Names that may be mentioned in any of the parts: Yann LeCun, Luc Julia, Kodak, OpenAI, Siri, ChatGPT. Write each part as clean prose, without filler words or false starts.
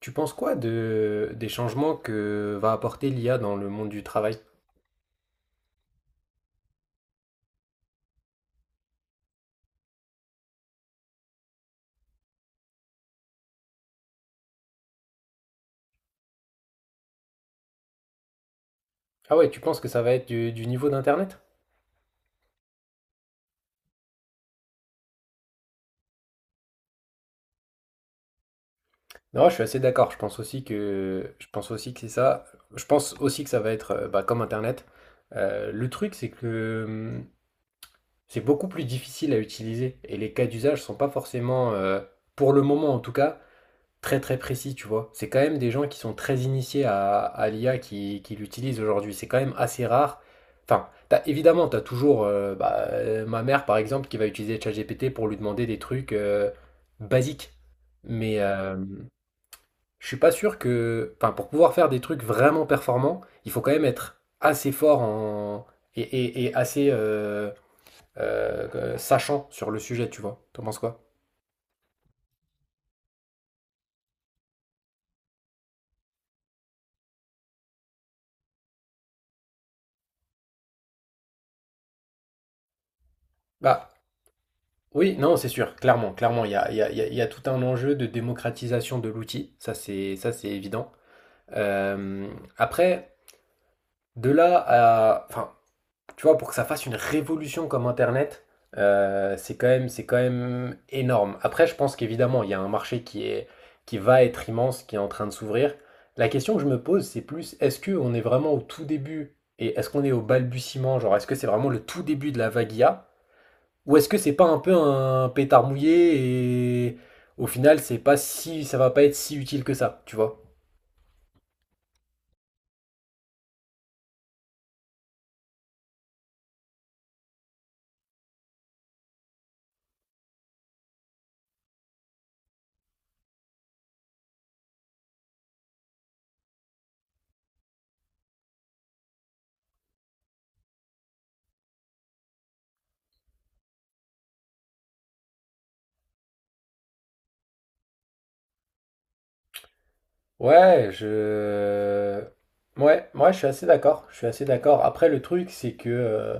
Tu penses quoi des changements que va apporter l'IA dans le monde du travail? Ah ouais, tu penses que ça va être du niveau d'Internet? Non, je suis assez d'accord. Je pense aussi que c'est ça. Je pense aussi que ça va être bah, comme Internet. Le truc, c'est que c'est beaucoup plus difficile à utiliser et les cas d'usage sont pas forcément, pour le moment en tout cas, très très précis, tu vois. C'est quand même des gens qui sont très initiés à l'IA qui l'utilisent aujourd'hui. C'est quand même assez rare. Enfin, évidemment, tu as toujours bah, ma mère, par exemple, qui va utiliser ChatGPT pour lui demander des trucs basiques. Mais je suis pas sûr que... Enfin, pour pouvoir faire des trucs vraiment performants, il faut quand même être assez fort en... et assez sachant sur le sujet, tu vois. T'en penses quoi? Bah, Oui, non, c'est sûr, clairement, clairement, il y a, il y a- il y a- il y a tout un enjeu de démocratisation de l'outil. Ça c'est évident. Euh, Après, de là à, enfin, tu vois, pour que ça fasse une révolution comme Internet, c'est quand même énorme. Après, je pense qu'évidemment, il y a un marché qui va être immense, qui est en train de s'ouvrir. La question que je me pose, c'est plus, est-ce que on est vraiment au tout début et est-ce qu'on est au balbutiement, genre, est-ce que c'est vraiment le tout début de la vague IA? Ou est-ce que c'est pas un peu un pétard mouillé et au final c'est pas si ça va pas être si utile que ça, tu vois? Ouais, je... Ouais, moi je suis assez d'accord. Je suis assez d'accord. Après, le truc, c'est que...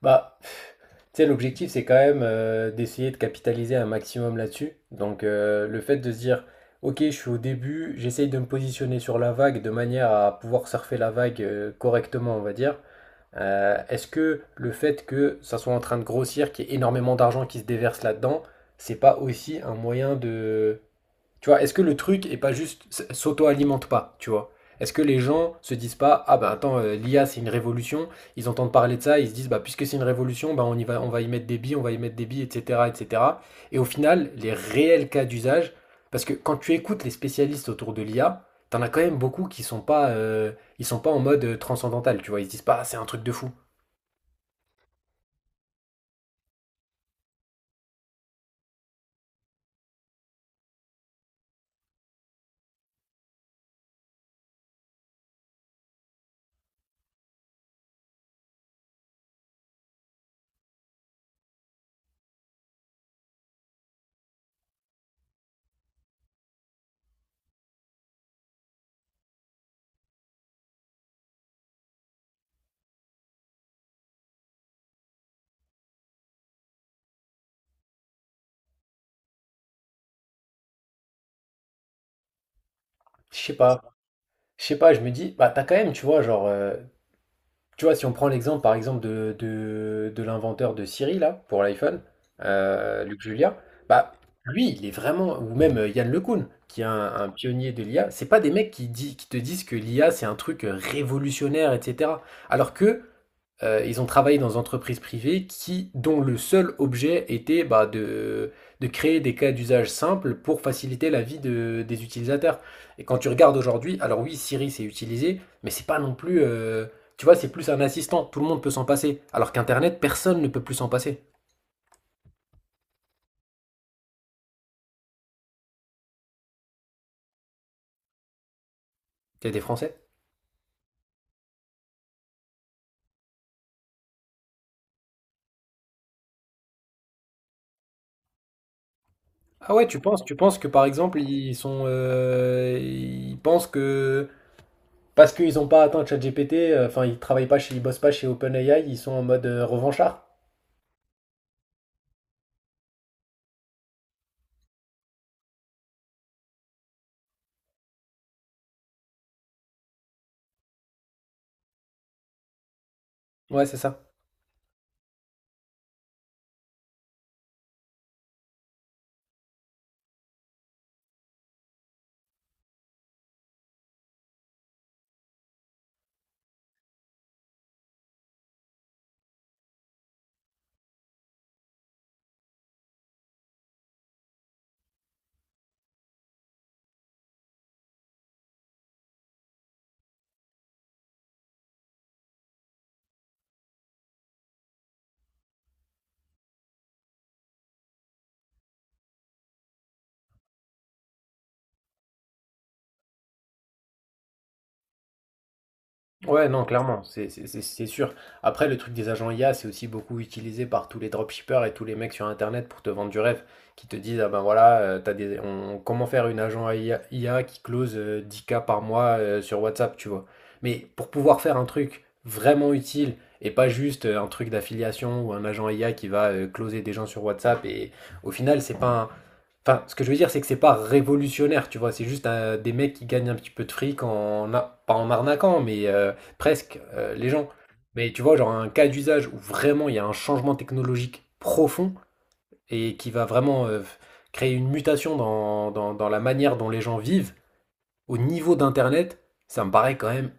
bah, pff, tu sais, l'objectif, c'est quand même d'essayer de capitaliser un maximum là-dessus. Donc, le fait de se dire, ok, je suis au début, j'essaye de me positionner sur la vague de manière à pouvoir surfer la vague correctement, on va dire. Est-ce que le fait que ça soit en train de grossir, qu'il y ait énormément d'argent qui se déverse là-dedans, c'est pas aussi un moyen de tu vois, est-ce que le truc est pas juste s'auto-alimente pas, tu vois? Est-ce que les gens se disent pas, ah bah attends, l'IA c'est une révolution, ils entendent parler de ça, ils se disent bah puisque c'est une révolution, bah on y va, on va y mettre des billes, etc., etc. Et cetera. Et au final, les réels cas d'usage, parce que quand tu écoutes les spécialistes autour de l'IA, t'en as quand même beaucoup qui sont pas, ils sont pas en mode transcendantal, tu vois, ils se disent pas, ah, c'est un truc de fou. Je sais pas, je sais pas, je me dis, bah t'as quand même, tu vois, genre, tu vois, si on prend l'exemple, par exemple, de l'inventeur de Siri, là, pour l'iPhone, Luc Julia, bah, lui, il est vraiment, ou même Yann LeCun, qui est un pionnier de l'IA, c'est pas des mecs qui te disent que l'IA, c'est un truc révolutionnaire, etc. Alors que ils ont travaillé dans des entreprises privées qui, dont le seul objet était bah, de créer des cas d'usage simples pour faciliter la vie des utilisateurs. Et quand tu regardes aujourd'hui, alors oui, Siri c'est utilisé, mais c'est pas non plus, tu vois, c'est plus un assistant. Tout le monde peut s'en passer, alors qu'Internet, personne ne peut plus s'en passer. Il y a des Français. Ah ouais, tu penses que par exemple ils sont, ils pensent que parce qu'ils n'ont pas atteint ChatGPT, enfin ils travaillent pas chez, ils bossent pas chez OpenAI, ils sont en mode revanchard. Ouais, c'est ça. Ouais, non, clairement, c'est sûr. Après, le truc des agents IA, c'est aussi beaucoup utilisé par tous les dropshippers et tous les mecs sur Internet pour te vendre du rêve, qui te disent, ah ben voilà, comment faire une agent IA qui close 10K par mois sur WhatsApp, tu vois. Mais pour pouvoir faire un truc vraiment utile et pas juste un truc d'affiliation ou un agent IA qui va closer des gens sur WhatsApp, et au final, c'est pas Enfin, ce que je veux dire, c'est que c'est pas révolutionnaire, tu vois. C'est juste des mecs qui gagnent un petit peu de fric en, pas en arnaquant, mais presque les gens. Mais tu vois, genre un cas d'usage où vraiment il y a un changement technologique profond et qui va vraiment créer une mutation dans la manière dont les gens vivent, au niveau d'Internet, ça me paraît quand même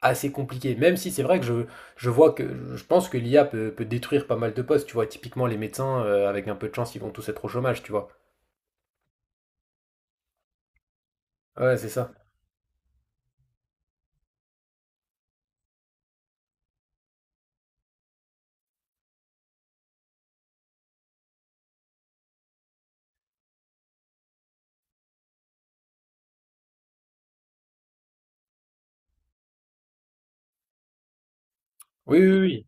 assez compliqué. Même si c'est vrai que je vois que je pense que l'IA peut, peut détruire pas mal de postes, tu vois. Typiquement, les médecins, avec un peu de chance, ils vont tous être au chômage, tu vois. Ouais, c'est ça. Oui, oui, oui.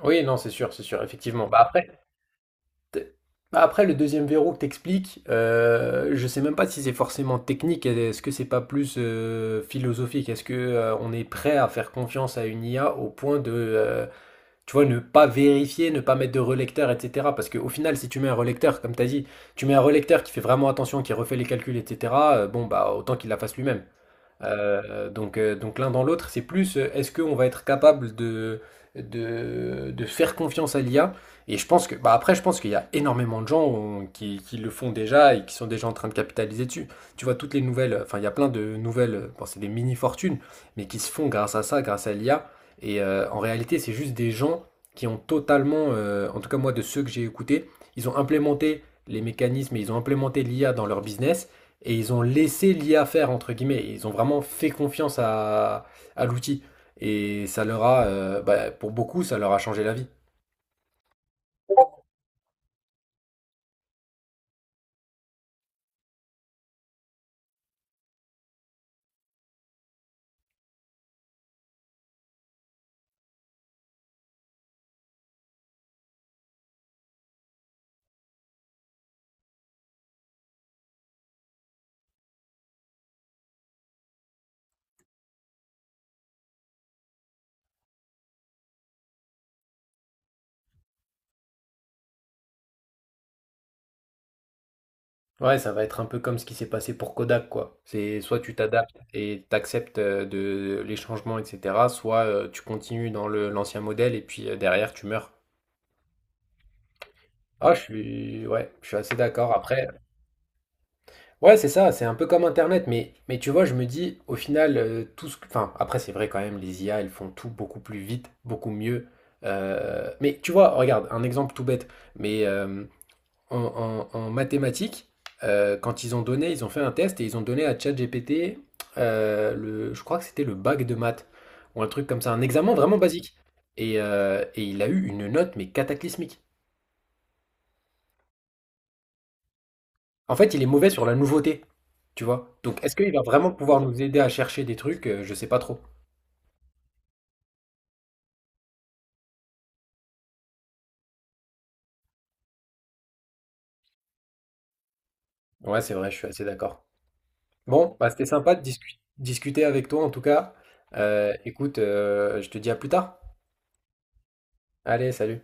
Oui, non, c'est sûr, effectivement. Bah après, t- bah après, le deuxième verrou que t'expliques, je sais même pas si c'est forcément technique. Est-ce que c'est pas plus philosophique? Est-ce que on est prêt à faire confiance à une IA au point de, tu vois, ne pas vérifier, ne pas mettre de relecteur, etc. Parce qu'au final, si tu mets un relecteur, comme t'as dit, tu mets un relecteur qui fait vraiment attention, qui refait les calculs, etc. Bon, bah autant qu'il la fasse lui-même. Donc l'un dans l'autre, c'est plus est-ce qu'on va être capable de faire confiance à l'IA? Et je pense que, bah après, je pense qu'il y a énormément de gens qui le font déjà et qui sont déjà en train de capitaliser dessus. Tu vois, toutes les nouvelles, enfin, il y a plein de nouvelles, bon, c'est des mini-fortunes, mais qui se font grâce à ça, grâce à l'IA. Et en réalité, c'est juste des gens qui ont totalement, en tout cas moi, de ceux que j'ai écoutés, ils ont implémenté les mécanismes et ils ont implémenté l'IA dans leur business. Et ils ont laissé l'IA faire, entre guillemets. Ils ont vraiment fait confiance à l'outil. Et ça leur a, bah, pour beaucoup, ça leur a changé la vie. Ouais, ça va être un peu comme ce qui s'est passé pour Kodak, quoi. C'est soit tu t'adaptes et t'acceptes de les changements, etc., soit tu continues dans le l'ancien modèle et puis derrière tu meurs. Ah, ouais, je suis assez d'accord. Après, ouais, c'est ça, c'est un peu comme Internet, mais tu vois, je me dis, au final, tout enfin, après, c'est vrai quand même, les IA, elles font tout beaucoup plus vite, beaucoup mieux. Mais tu vois, regarde, un exemple tout bête, mais en mathématiques, quand ils ont donné, ils ont fait un test et ils ont donné à ChatGPT, le, je crois que c'était le bac de maths, ou un truc comme ça, un examen vraiment basique. Et il a eu une note, mais cataclysmique. En fait, il est mauvais sur la nouveauté, tu vois. Donc, est-ce qu'il va vraiment pouvoir nous aider à chercher des trucs? Je sais pas trop. Ouais, c'est vrai, je suis assez d'accord. Bon, bah, c'était sympa de discuter avec toi en tout cas. Écoute, je te dis à plus tard. Allez, salut.